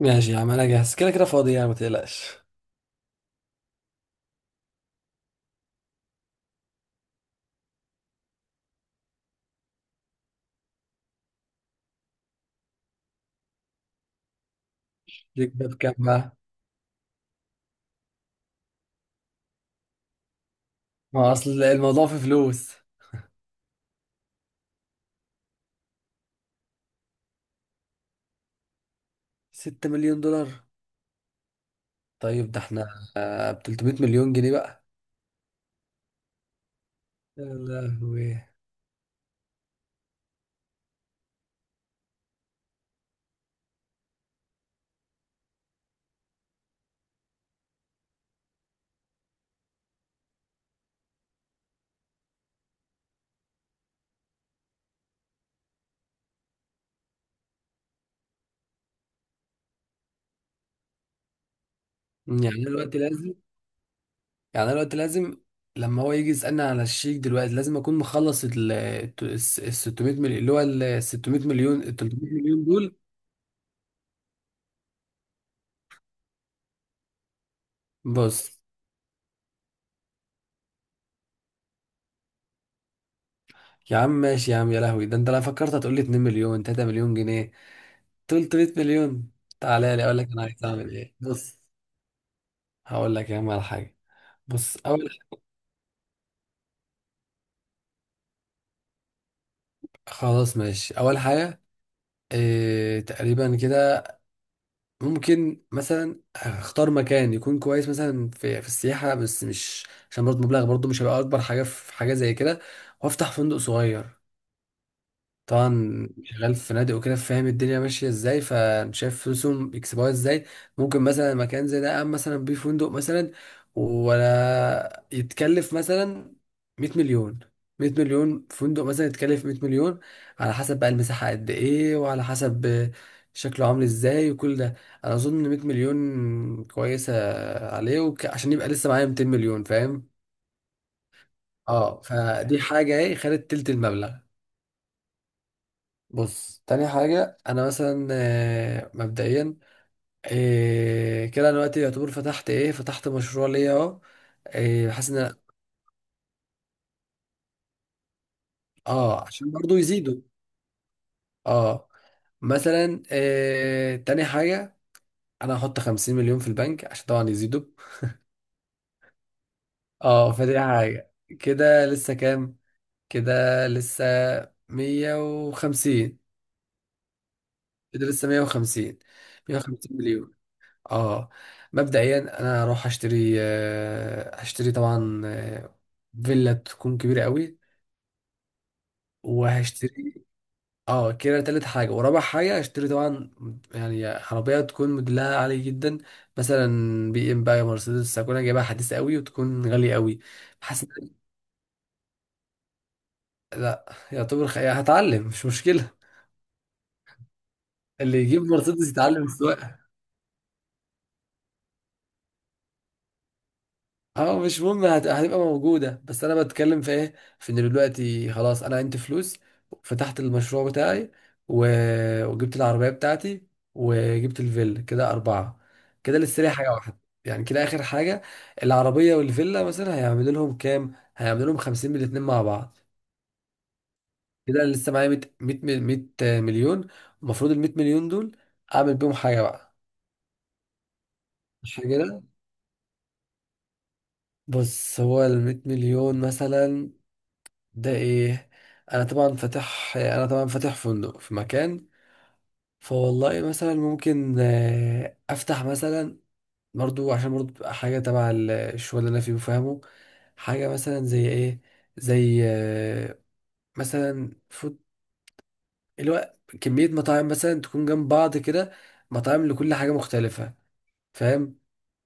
ماشي يا عم، انا جاهز، كده كده فاضي يعني، ما تقلقش. ليك بقى بكام بقى؟ ما هو اصل الموضوع في فلوس. 6 مليون دولار؟ طيب، ده احنا ب 300 مليون جنيه بقى. يا لهوي. يعني انا دلوقتي لازم يعني انا دلوقتي لازم لما هو يجي يسألني على الشيك دلوقتي، لازم اكون مخلص ال 600 مليون، اللي هو ال 600 مليون، ال 300 مليون دول. بص يا عم، ماشي يا عم، يا لهوي، ده انت لو فكرت هتقول لي 2 مليون، 3 مليون جنيه. 300 مليون. تعالى لي اقول لك انا عايز اعمل ايه. بص، هقول لك يا عم على حاجة. بص، أول، خلاص ماشي، أول حاجة إيه تقريبا كده. ممكن مثلا اختار مكان يكون كويس، مثلا في السياحة، بس مش عشان برضه مبلغ برضه مش هيبقى أكبر حاجة في حاجة زي كده. وأفتح فندق صغير. طبعا شغال في فنادق وكده، فاهم الدنيا ماشيه ازاي، فشايف فلوسهم بيكسبوها ازاي. ممكن مثلا مكان زي ده قام مثلا بيه فندق مثلا، ولا يتكلف مثلا 100 مليون. 100 مليون، فندق مثلا يتكلف 100 مليون، على حسب بقى المساحه قد ايه وعلى حسب شكله عامل ازاي وكل ده. انا اظن 100 مليون كويسه عليه، عشان يبقى لسه معايا 200 مليون، فاهم. اه فدي حاجه، ايه، خدت تلت المبلغ. بص، تاني حاجة، أنا مثلا مبدئيا، كده، أنا دلوقتي يعتبر فتحت إيه، فتحت مشروع ليا أهو. آه، حاسس إن أنا- أه عشان برضو يزيدوا. أه. مثلا تاني حاجة، أنا هحط 50 مليون في البنك عشان طبعا يزيدوا. أه، فدي حاجة. كده لسه كام؟ كده لسه مية وخمسين كده لسه مية وخمسين. 150. اه. مبدئيا انا هروح اشتري آه، هشتري طبعا فيلا تكون كبيره قوي، وهشتري. اه، كده تالت حاجه ورابع حاجه، هشتري طبعا يعني عربيه تكون موديلها عالي جدا، مثلا بي ام بقى، مرسيدس. هكون أنا جايبها حديثه قوي وتكون غاليه قوي. حاسس إن- لا، يعتبر هتعلم، مش مشكله. اللي يجيب مرسيدس يتعلم السواقه. اه، مش مهم، هتبقى موجودة، بس انا بتكلم في ايه، في ان دلوقتي خلاص انا عندي فلوس، فتحت المشروع بتاعي، وجبت العربية بتاعتي، وجبت الفيلا، كده اربعة. كده لسه لي حاجة واحدة، يعني كده اخر حاجة. العربية والفيلا مثلا هيعملوا لهم كام؟ هيعملوا لهم خمسين من الاتنين مع بعض. كده انا لسه معايا ميت مليون. المفروض الميت مليون دول اعمل بيهم حاجة بقى. مش كده؟ بص، هو الميت مليون مثلا ده ايه. انا طبعا فاتح فندق في مكان. فوالله مثلا ممكن افتح مثلا، برضو عشان برضو تبقى حاجه تبع الشغل اللي انا فيه بفهمه، حاجه مثلا زي ايه. زي مثلا فود، اللي هو كميه مطاعم مثلا تكون جنب بعض كده. مطاعم لكل حاجه مختلفه، فاهم.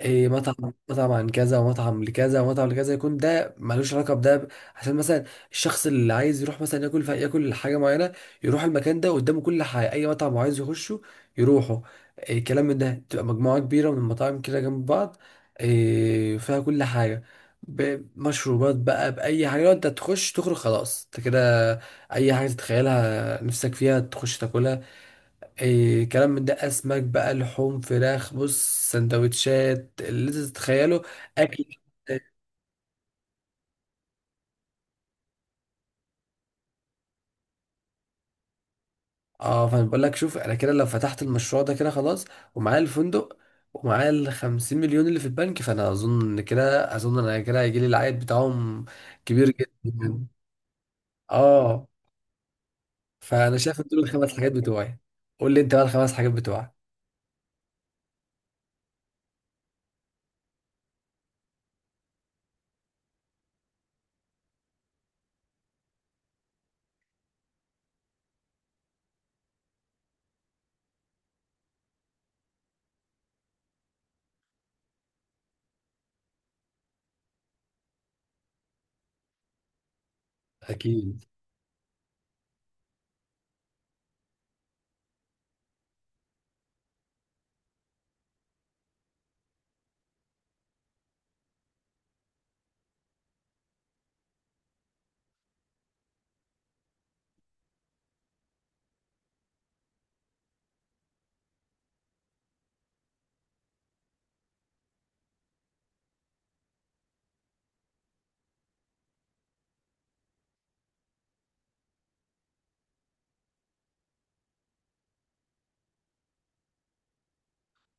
إيه، مطعم. مطعم عن كذا، ومطعم لكذا، ومطعم لكذا، يكون ده ملوش علاقه بده عشان مثلا الشخص اللي عايز يروح مثلا ياكل، ياكل حاجه معينه، يروح المكان ده قدامه كل حاجه، اي مطعم عايز يخشه، يروحه. إيه كلام من ده، تبقى مجموعه كبيره من المطاعم كده جنب بعض، إيه فيها كل حاجه بمشروبات بقى، باي حاجه. لو انت تخش تخرج خلاص انت كده، اي حاجه تتخيلها نفسك فيها تخش تاكلها. إيه كلام من ده، اسماك بقى، لحوم، فراخ، بص، سندوتشات، اللي انت تتخيله، اكل. اه فانا بقول لك شوف، انا كده لو فتحت المشروع ده كده خلاص، ومعايا الفندق، ومعايا ال 50 مليون اللي في البنك، فانا اظن ان كده، اظن انا كده هيجي لي العائد بتاعهم كبير جدا يعني. اه، فانا شايف إن دول الخمس حاجات بتوعي. قول لي انت بقى الخمس حاجات بتوعك. اكيد.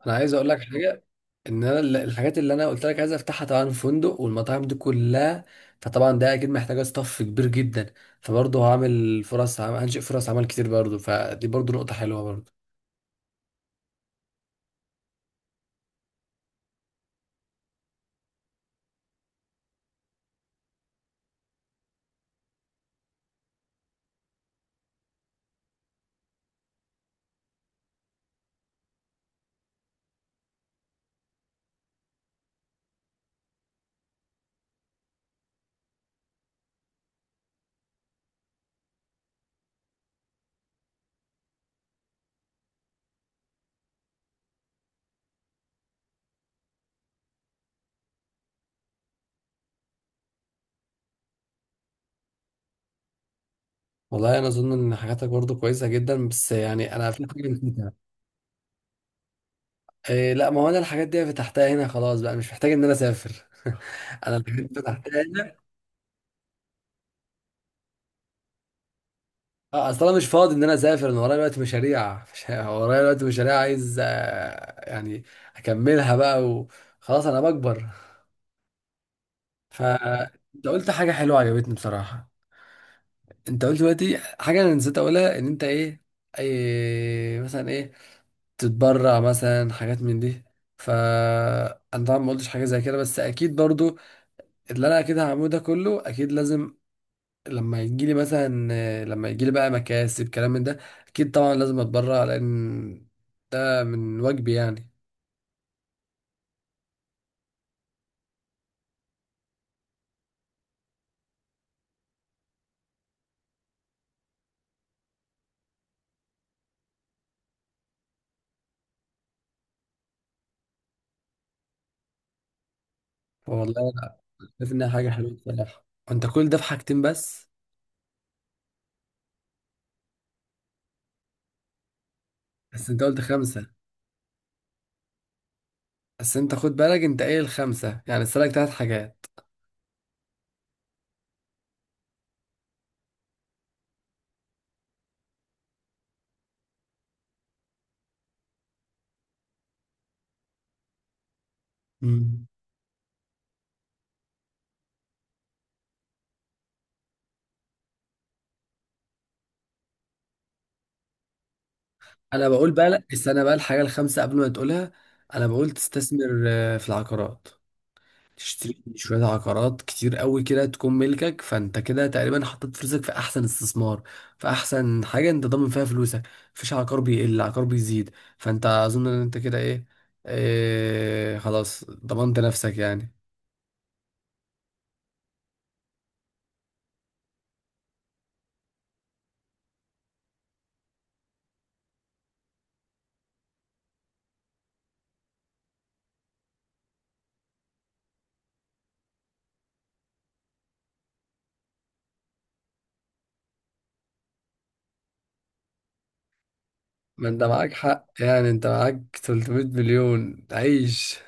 انا عايز اقول لك حاجه، ان انا الحاجات اللي انا قلت لك عايز افتحها، طبعا فندق والمطاعم دي كلها، فطبعا ده اكيد محتاجه ستاف كبير جدا، فبرضه هنشئ فرص عمل كتير برضه، فدي برضه نقطه حلوه برضه. والله انا اظن ان حاجاتك برضه كويسه جدا، بس يعني انا في حاجه نسيتها. إيه، لا، ما هو انا الحاجات دي فتحتها هنا خلاص بقى، مش محتاج ان انا اسافر. انا الحاجات دي فتحتها هنا. اه، اصل انا مش فاضي ان انا اسافر، انا ورايا دلوقتي مشاريع مش- ورايا دلوقتي مشاريع، عايز يعني اكملها بقى خلاص، انا بكبر. فانت قلت حاجة حلوة عجبتني بصراحة، انت قلت دلوقتي حاجة انا نسيت اقولها، ان انت ايه، اي مثلا ايه، تتبرع مثلا حاجات من دي. فانا طبعا ما قلتش حاجة زي كده، بس اكيد برضو اللي انا اكيد هعمله ده كله اكيد لازم، لما يجيلي بقى مكاسب كلام من ده، اكيد طبعا لازم اتبرع، لان ده من واجبي يعني. والله انا شايف انها حاجة حلوة بصراحة، وانت كل ده في حاجتين بس. بس انت قلت خمسة. بس انت خد بالك انت قايل الخمسه، يعني اسالك ثلاث حاجات. مم. انا بقول بقى، لا، استنى بقى الحاجه الخامسه قبل ما تقولها. انا بقول تستثمر في العقارات، تشتري شويه عقارات كتير قوي كده تكون ملكك، فانت كده تقريبا حطيت فلوسك في احسن استثمار، في احسن حاجه انت ضامن فيها فلوسك. مفيش عقار بيقل، عقار بيزيد. فانت اظن ان انت كده ايه، إيه خلاص ضمنت نفسك يعني. ما انت معاك حق يعني، انت معاك 300 مليون، عيش.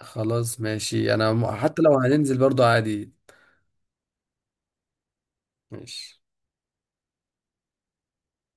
خلاص ماشي، انا حتى لو هننزل برضو عادي. ماشي.